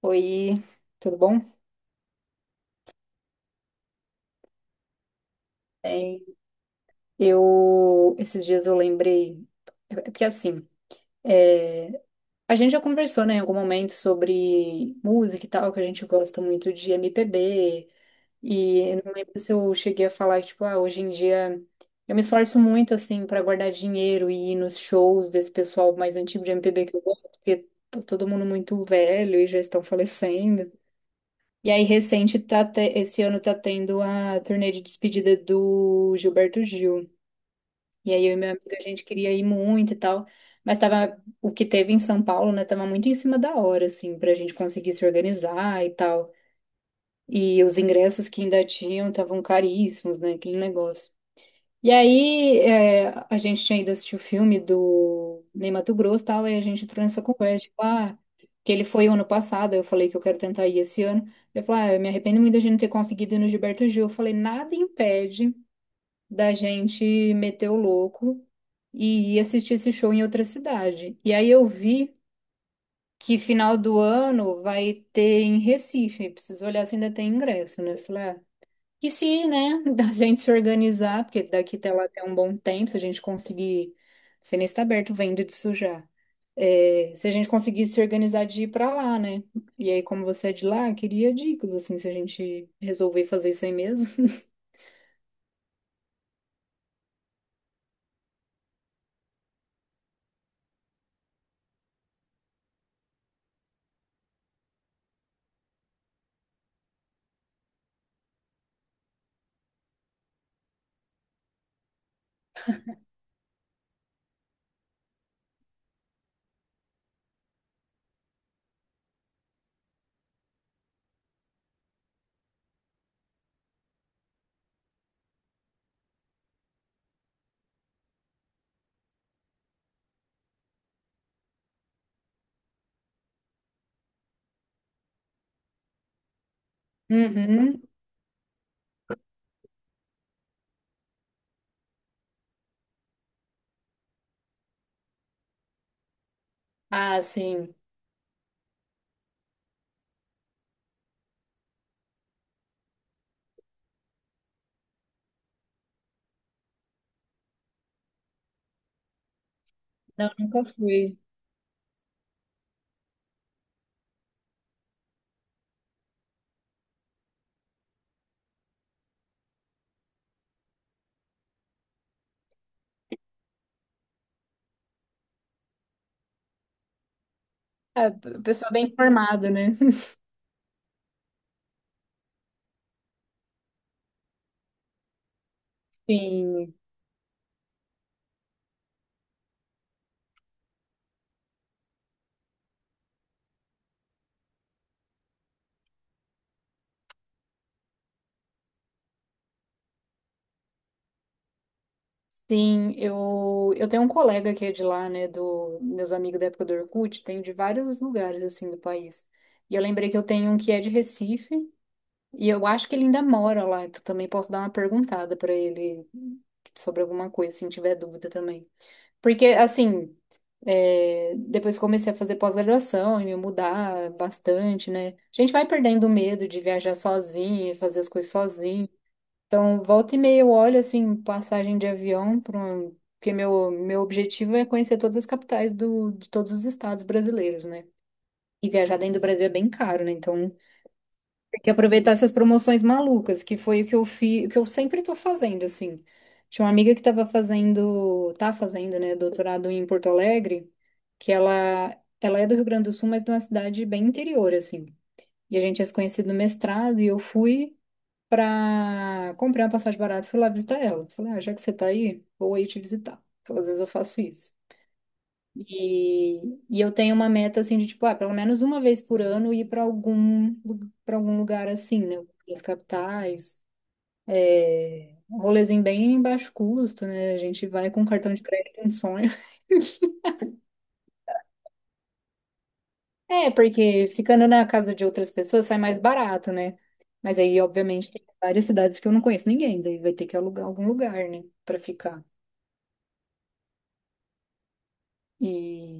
Oi, tudo bom? Bem, eu esses dias eu lembrei, é porque assim, é, a gente já conversou, né, em algum momento sobre música e tal, que a gente gosta muito de MPB, e eu não lembro se eu cheguei a falar, tipo, ah, hoje em dia eu me esforço muito, assim, pra guardar dinheiro e ir nos shows desse pessoal mais antigo de MPB que eu gosto, porque tá todo mundo muito velho e já estão falecendo. E aí, recente, esse ano tá tendo a turnê de despedida do Gilberto Gil. E aí, eu e meu amigo, a gente queria ir muito e tal. Mas tava, o que teve em São Paulo, né, tava muito em cima da hora, assim, pra gente conseguir se organizar e tal. E os ingressos que ainda tinham estavam caríssimos, né, aquele negócio. E aí, é, a gente tinha ido assistir o filme do Ney Matogrosso e tal, aí a gente entrou nessa conversa, tipo, ah, que ele foi o ano passado, eu falei que eu quero tentar ir esse ano. Ele falou, ah, eu me arrependo muito da gente não ter conseguido ir no Gilberto Gil. Eu falei, nada impede da gente meter o louco e ir assistir esse show em outra cidade. E aí eu vi que final do ano vai ter em Recife, preciso olhar se ainda tem ingresso, né? Eu falei, ah, e se, né, da gente se organizar, porque daqui até lá tem um bom tempo, se a gente conseguir, não sei nem se tá aberto venda disso já. É, se a gente conseguir se organizar de ir pra lá, né? E aí, como você é de lá, eu queria dicas, assim, se a gente resolver fazer isso aí mesmo. Uhum. Ah, sim. Não, nunca fui. É, pessoa bem informada, né? Sim. Sim, eu tenho um colega que é de lá, né, do meus amigos da época do Orkut, tenho de vários lugares, assim, do país. E eu lembrei que eu tenho um que é de Recife, e eu acho que ele ainda mora lá, então também posso dar uma perguntada pra ele sobre alguma coisa, se tiver dúvida também. Porque, assim, é, depois que comecei a fazer pós-graduação e me mudar bastante, né, a gente vai perdendo o medo de viajar sozinho, fazer as coisas sozinho. Então, volta e meia eu olho, assim, passagem de avião, porque meu objetivo é conhecer todas as capitais do, de todos os estados brasileiros, né? E viajar dentro do Brasil é bem caro, né? Então, tem que aproveitar essas promoções malucas, que foi o que eu fiz, o que eu sempre tô fazendo, assim. Tinha uma amiga que tava fazendo, tá fazendo, né, doutorado em Porto Alegre, que ela é do Rio Grande do Sul, mas de uma cidade bem interior, assim. E a gente tinha se conhecido no mestrado, e eu fui pra comprar uma passagem barata, fui lá visitar ela. Falei, ah, já que você tá aí, vou aí te visitar. Então, às vezes eu faço isso. E eu tenho uma meta assim de tipo, ah, pelo menos uma vez por ano ir para algum lugar assim, né? As capitais, é, um rolezinho bem baixo custo, né? A gente vai com cartão de crédito, é um sonho. É, porque ficando na casa de outras pessoas sai mais barato, né? Mas aí, obviamente, tem várias cidades que eu não conheço ninguém, daí vai ter que alugar algum lugar, né, para ficar. E...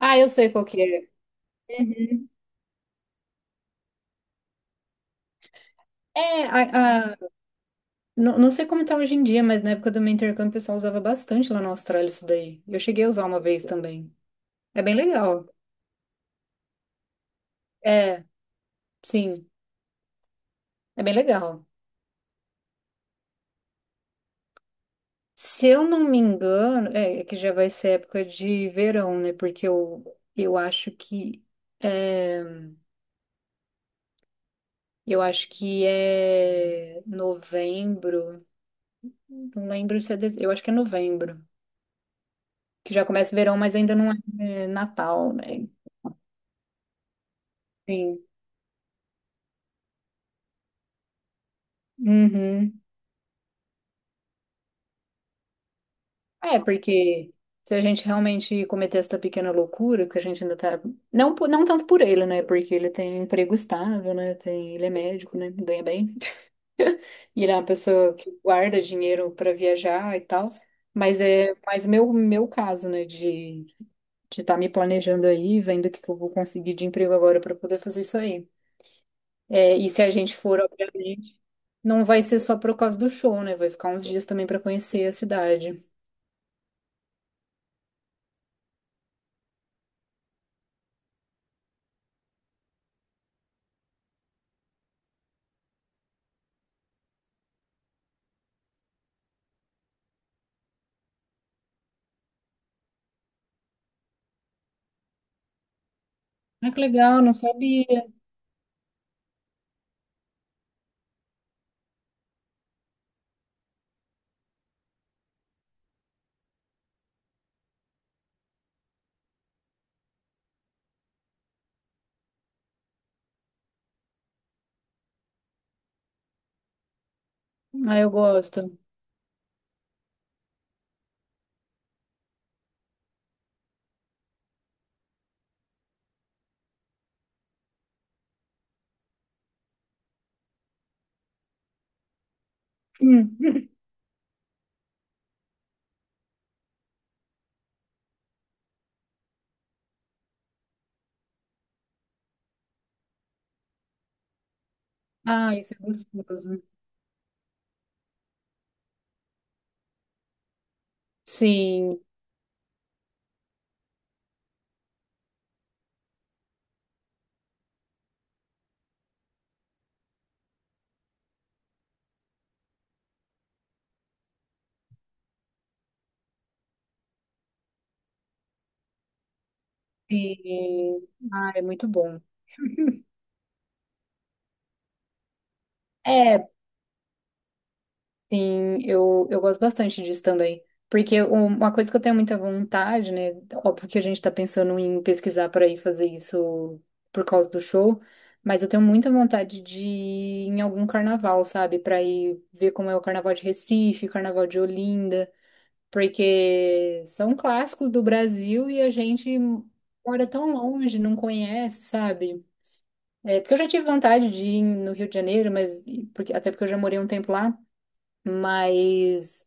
Ah, eu sei qual que é. Uhum. É, não, não sei como tá hoje em dia, mas na época do meu intercâmbio o pessoal usava bastante lá na Austrália isso daí. Eu cheguei a usar uma vez também. É bem legal. É, sim, é bem legal. Se eu não me engano, é que já vai ser época de verão, né? Porque eu acho que é, é novembro. Não lembro se é, dezembro. Eu acho que é novembro, que já começa verão, mas ainda não é Natal, né? Sim. Uhum. É, porque se a gente realmente cometer essa pequena loucura, que a gente ainda tá. Não, não tanto por ele, né? Porque ele tem emprego estável, né? Tem... Ele é médico, né? Ganha bem. E ele é uma pessoa que guarda dinheiro para viajar e tal. Mas é mais meu caso, né? De estar me planejando aí, vendo o que que eu vou conseguir de emprego agora para poder fazer isso aí. É, e se a gente for, obviamente, não vai ser só por causa do show, né? Vai ficar uns dias também para conhecer a cidade. Ah, que legal, não sabia. Ah, eu gosto. Hum. Ah, isso é gostoso. Sim, sim. Ah, é muito bom. É, sim, eu gosto bastante disso também. Porque uma coisa que eu tenho muita vontade, né? Óbvio que a gente tá pensando em pesquisar para ir fazer isso por causa do show, mas eu tenho muita vontade de ir em algum carnaval, sabe? Para ir ver como é o carnaval de Recife, o carnaval de Olinda. Porque são clássicos do Brasil e a gente mora tão longe, não conhece, sabe? É, porque eu já tive vontade de ir no Rio de Janeiro, mas porque, até porque eu já morei um tempo lá, mas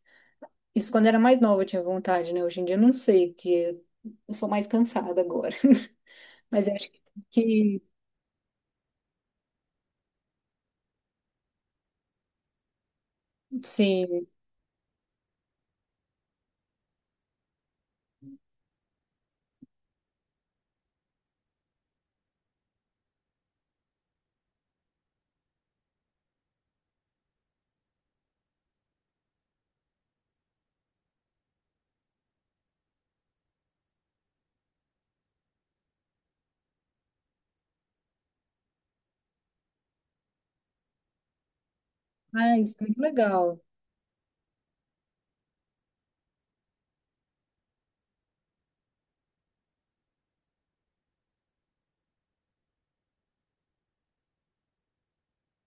isso quando era mais nova eu tinha vontade, né? Hoje em dia eu não sei, porque eu sou mais cansada agora. Mas eu acho que sim. Ah, isso é muito legal.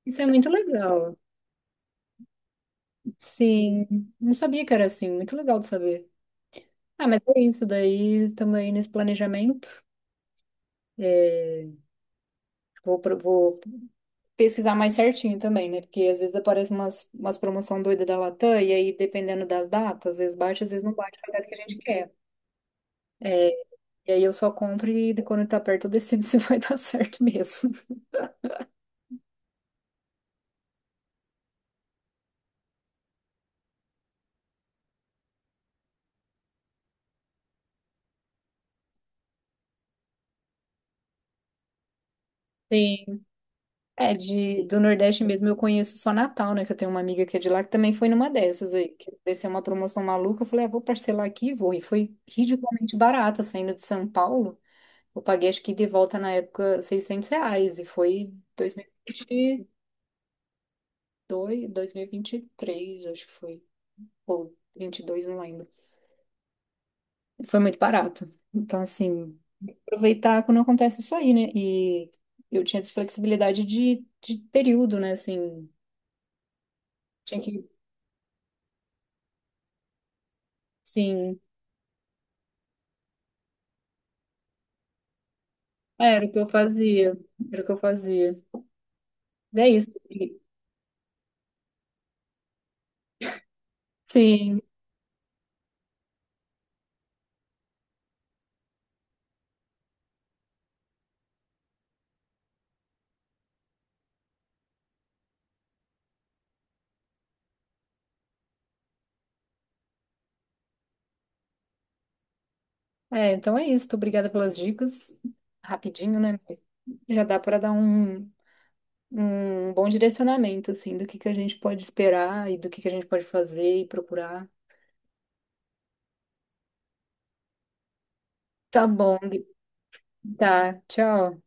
Isso é muito legal. Sim, não sabia que era assim, muito legal de saber. Ah, mas é isso daí também nesse planejamento. É, vou pesquisar mais certinho também, né? Porque às vezes aparece umas promoção doida da Latam, e aí dependendo das datas, às vezes bate, às vezes não bate com a data que a gente quer. É, e aí eu só compro e quando tá perto eu decido se vai dar certo mesmo. Sim, é, de, do Nordeste mesmo eu conheço só Natal, né? Que eu tenho uma amiga que é de lá que também foi numa dessas aí. Que apareceu uma promoção maluca. Eu falei, ah, vou parcelar aqui e vou. E foi ridiculamente barata saindo de São Paulo. Eu paguei, acho que de volta na época, 600 reais. E foi dois mil e vinte e dois mil e vinte 2022, três acho que foi. Ou 22 não lembro. Foi muito barato. Então, assim, aproveitar quando acontece isso aí, né? E eu tinha essa flexibilidade de período, né? Assim, tinha que. Sim, era o que eu fazia. Era o que eu fazia. É isso. Sim. É, então é isso. Tô obrigada pelas dicas. Rapidinho, né? Já dá para dar um bom direcionamento, assim, do que a gente pode esperar e do que a gente pode fazer e procurar. Tá bom. Gui. Tá. Tchau.